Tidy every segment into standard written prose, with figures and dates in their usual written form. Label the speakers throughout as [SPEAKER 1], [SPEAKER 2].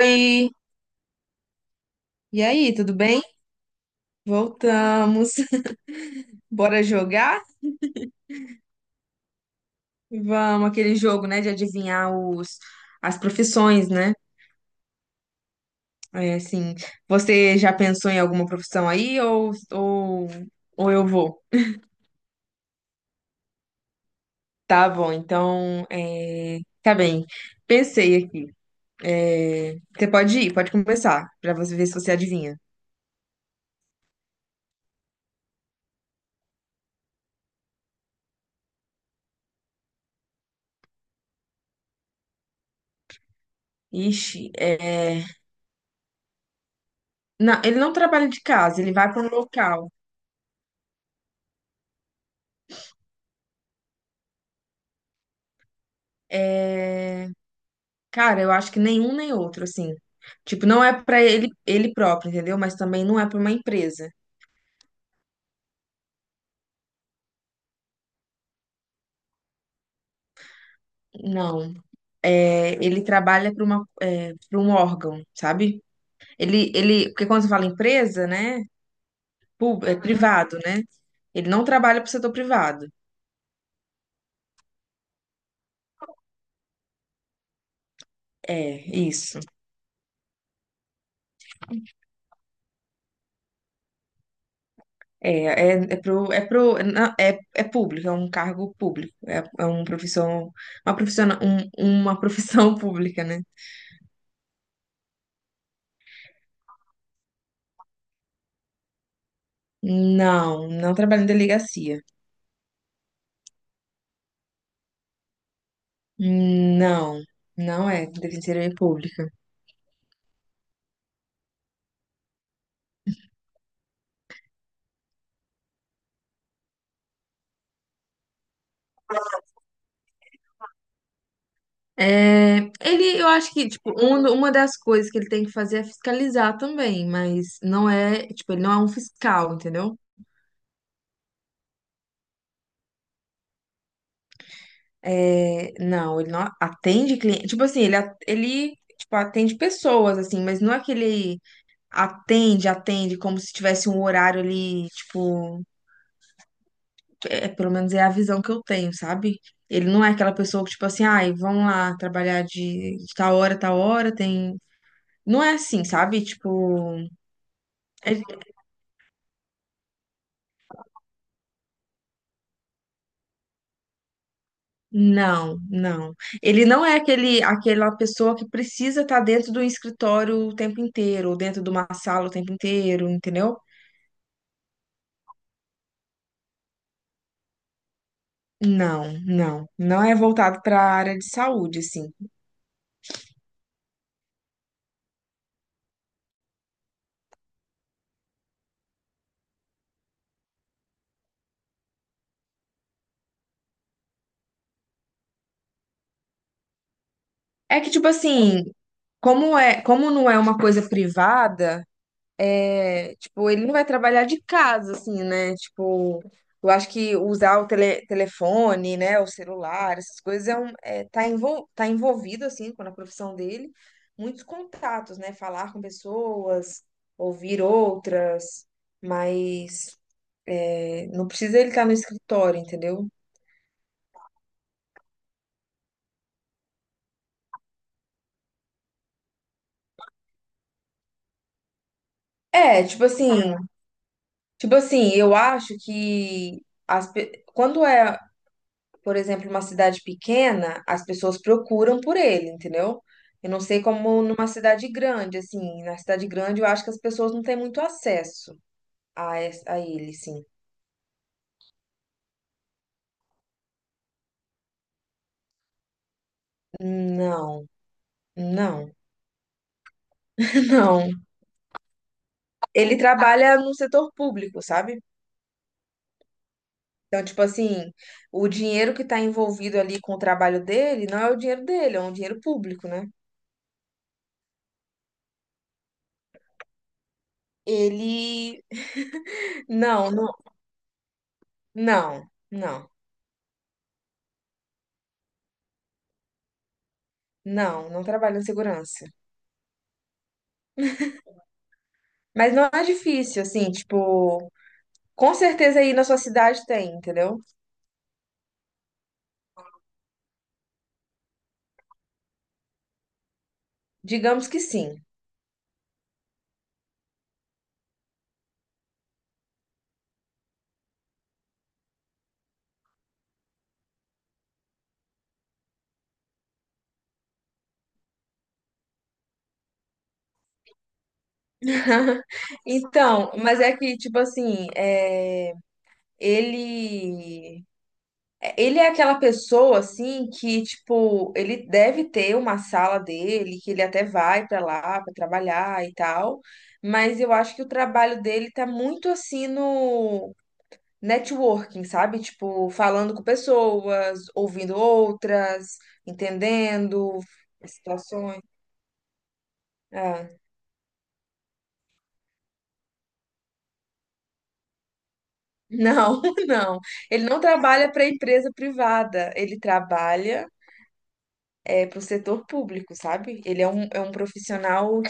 [SPEAKER 1] Oi! E aí, tudo bem? Voltamos. Bora jogar? Vamos, aquele jogo, né, de adivinhar as profissões, né? É, assim, você já pensou em alguma profissão aí ou eu vou? Tá bom, então, tá bem. Pensei aqui. É, você pode ir, pode começar, pra você ver se você adivinha. Ixi, é... Não, ele não trabalha de casa, ele vai para um local. É... Cara, eu acho que nenhum nem outro, assim. Tipo, não é pra ele próprio, entendeu? Mas também não é pra uma empresa. Não. É, ele trabalha para para um órgão, sabe? Porque quando você fala empresa, né? É privado, né? Ele não trabalha para o setor privado. É, isso. É, é, é pro, não, é, é público, é um cargo público. É, é um profissão, uma profissão, uma profissão pública, né? Não, não trabalha em delegacia. Não, não é defensoria pública. É, ele, eu acho que, tipo, uma das coisas que ele tem que fazer é fiscalizar também, mas não é, tipo, ele não é um fiscal, entendeu? É, não, ele não atende cliente. Tipo assim, ele tipo, atende pessoas, assim, mas não é que ele atende como se tivesse um horário ali, tipo. É, pelo menos é a visão que eu tenho, sabe? Ele não é aquela pessoa que, tipo assim, ai, vamos lá trabalhar de tal hora, tem. Não é assim, sabe? Tipo, é- não, não. Ele não é aquela pessoa que precisa estar dentro do escritório o tempo inteiro, ou dentro de uma sala o tempo inteiro, entendeu? Não, não. Não é voltado para a área de saúde, assim. É que, tipo assim, como não é uma coisa privada. É, tipo, ele não vai trabalhar de casa, assim, né? Tipo, eu acho que usar telefone, né, o celular, essas coisas tá envolvido, assim, com a profissão dele, muitos contatos, né? Falar com pessoas, ouvir outras, mas é, não precisa ele estar no escritório, entendeu? É, tipo assim, eu acho que quando é por exemplo, uma cidade pequena, as pessoas procuram por ele, entendeu? Eu não sei como numa cidade grande, assim, na cidade grande eu acho que as pessoas não têm muito acesso a ele, sim. Não, não, não. Ele trabalha no setor público, sabe? Então, tipo assim, o dinheiro que está envolvido ali com o trabalho dele não é o dinheiro dele, é um dinheiro público, né? Ele. Não, não, não, não, não trabalha em segurança. Mas não é difícil, assim, tipo. Com certeza aí na sua cidade tem, entendeu? Digamos que sim. Então, mas é que, tipo assim, é, ele, é, ele é aquela pessoa, assim, que, tipo, ele deve ter uma sala dele, que ele até vai pra lá pra trabalhar e tal, mas eu acho que o trabalho dele tá muito, assim, no networking, sabe? Tipo, falando com pessoas, ouvindo outras, entendendo as situações. É. Não, não. Ele não trabalha para empresa privada, ele trabalha é, para o setor público, sabe? É um profissional.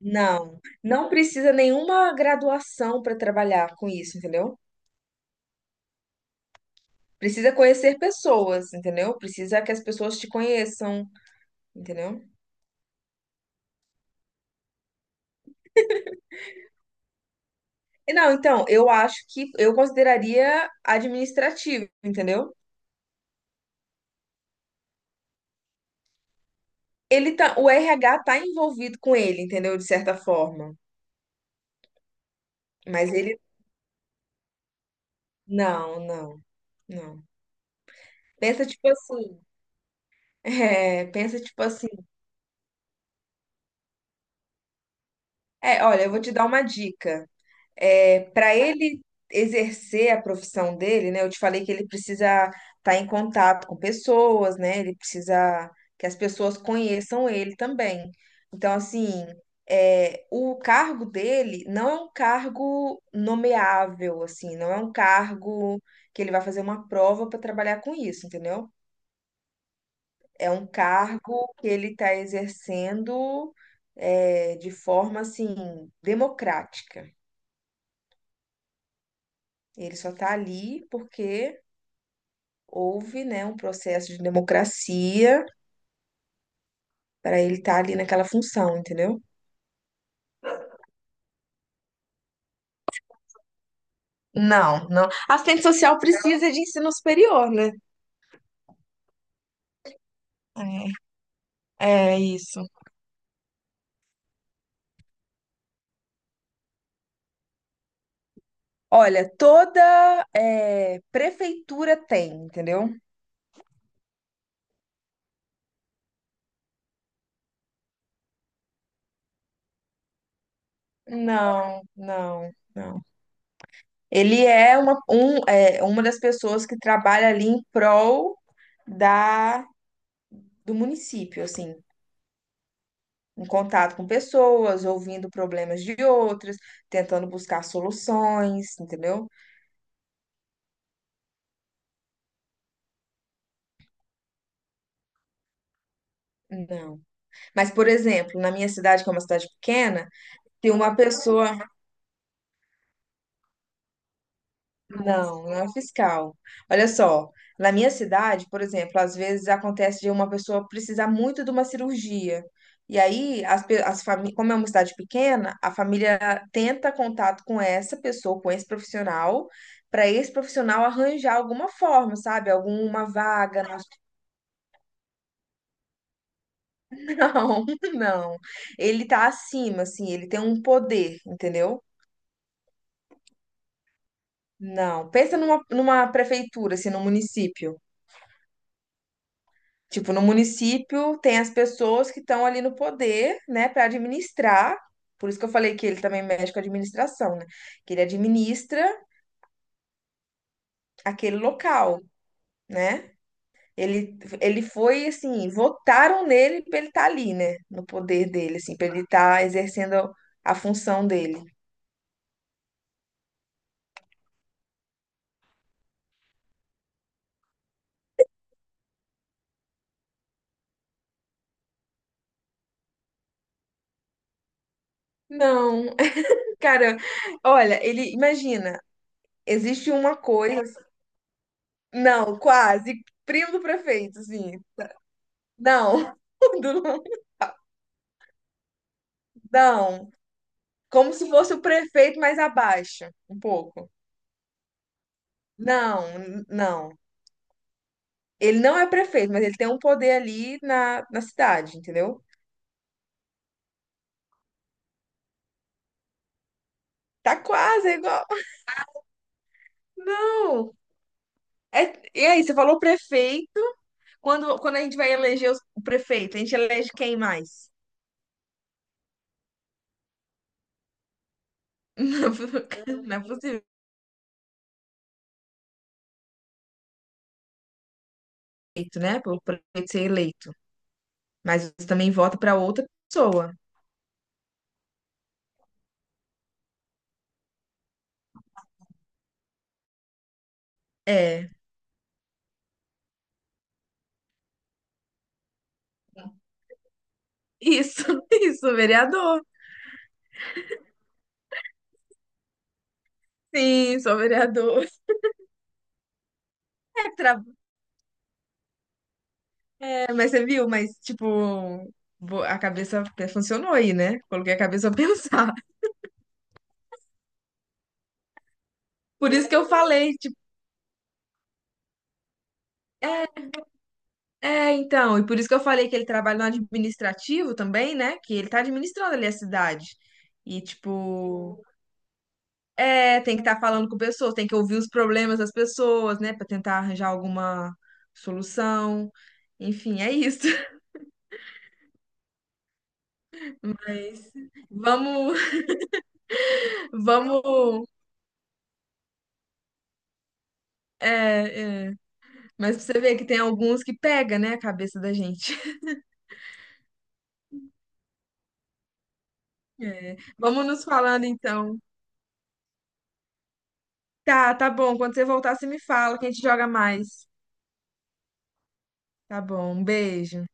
[SPEAKER 1] Não, não precisa nenhuma graduação para trabalhar com isso, entendeu? Precisa conhecer pessoas, entendeu? Precisa que as pessoas te conheçam, entendeu? E não, então, eu acho que eu consideraria administrativo, entendeu? Ele tá, o RH tá envolvido com ele, entendeu? De certa forma. Mas ele. Não, não, não. Pensa tipo assim, é, pensa tipo assim. É, olha, eu vou te dar uma dica. É, para ele exercer a profissão dele, né? Eu te falei que ele precisa estar em contato com pessoas, né? Ele precisa que as pessoas conheçam ele também. Então, assim, é, o cargo dele não é um cargo nomeável, assim, não é um cargo que ele vai fazer uma prova para trabalhar com isso, entendeu? É um cargo que ele está exercendo é, de forma assim democrática. Ele só está ali porque houve, né, um processo de democracia para ele estar ali naquela função, entendeu? Não, não. Assistente social precisa de ensino superior, né? É, é isso. Olha, prefeitura tem, entendeu? Não, não, não. Ele é uma, um, é uma das pessoas que trabalha ali em prol da, do município, assim, em contato com pessoas, ouvindo problemas de outras, tentando buscar soluções, entendeu? Não. Mas, por exemplo, na minha cidade, que é uma cidade pequena, tem uma pessoa. Não, não é fiscal. Olha só, na minha cidade, por exemplo, às vezes acontece de uma pessoa precisar muito de uma cirurgia. E aí, as, pe- as famí- como é uma cidade pequena, a família tenta contato com essa pessoa, com esse profissional, para esse profissional arranjar alguma forma, sabe? Alguma vaga no hospital. Não, não. Ele tá acima, assim, ele tem um poder, entendeu? Não. Pensa numa prefeitura, assim, num município. Tipo, no município tem as pessoas que estão ali no poder, né, para administrar. Por isso que eu falei que ele também mexe com a administração, né? Que ele administra aquele local, né? Ele foi assim, votaram nele para ele estar ali, né? No poder dele, assim, para ele estar exercendo a função dele. Não, cara, olha, ele imagina, existe uma coisa, não, quase primo do prefeito, assim. Não, do- não. Como se fosse o prefeito mais abaixo, um pouco. Não, não. Ele não é prefeito, mas ele tem um poder ali na cidade, entendeu? Tá quase igual. Não. É, e aí, você falou prefeito. Quando a gente vai eleger o prefeito, a gente elege quem mais? Não, é possível, eleito, né? Pelo prefeito ser eleito. Mas você também vota para outra pessoa. É. Isso, isso, vereador. Sim, sou vereador. é tra- É, mas você viu, mas tipo, funcionou aí, né? Coloquei a cabeça a pensar. Por isso que eu falei, tipo, é, então, e por isso que eu falei que ele trabalha no administrativo também, né? Que ele tá administrando ali a cidade. E tipo, é, tem que estar falando com pessoas, tem que ouvir os problemas das pessoas, né, pra tentar arranjar alguma solução. Enfim, é isso. Mas vamos, vamos, é, é. Mas pra você ver que tem alguns que pega, né, a cabeça da gente. É. Vamos nos falando então. Tá bom. Quando você voltar, você me fala que a gente joga mais. Tá bom. Um beijo.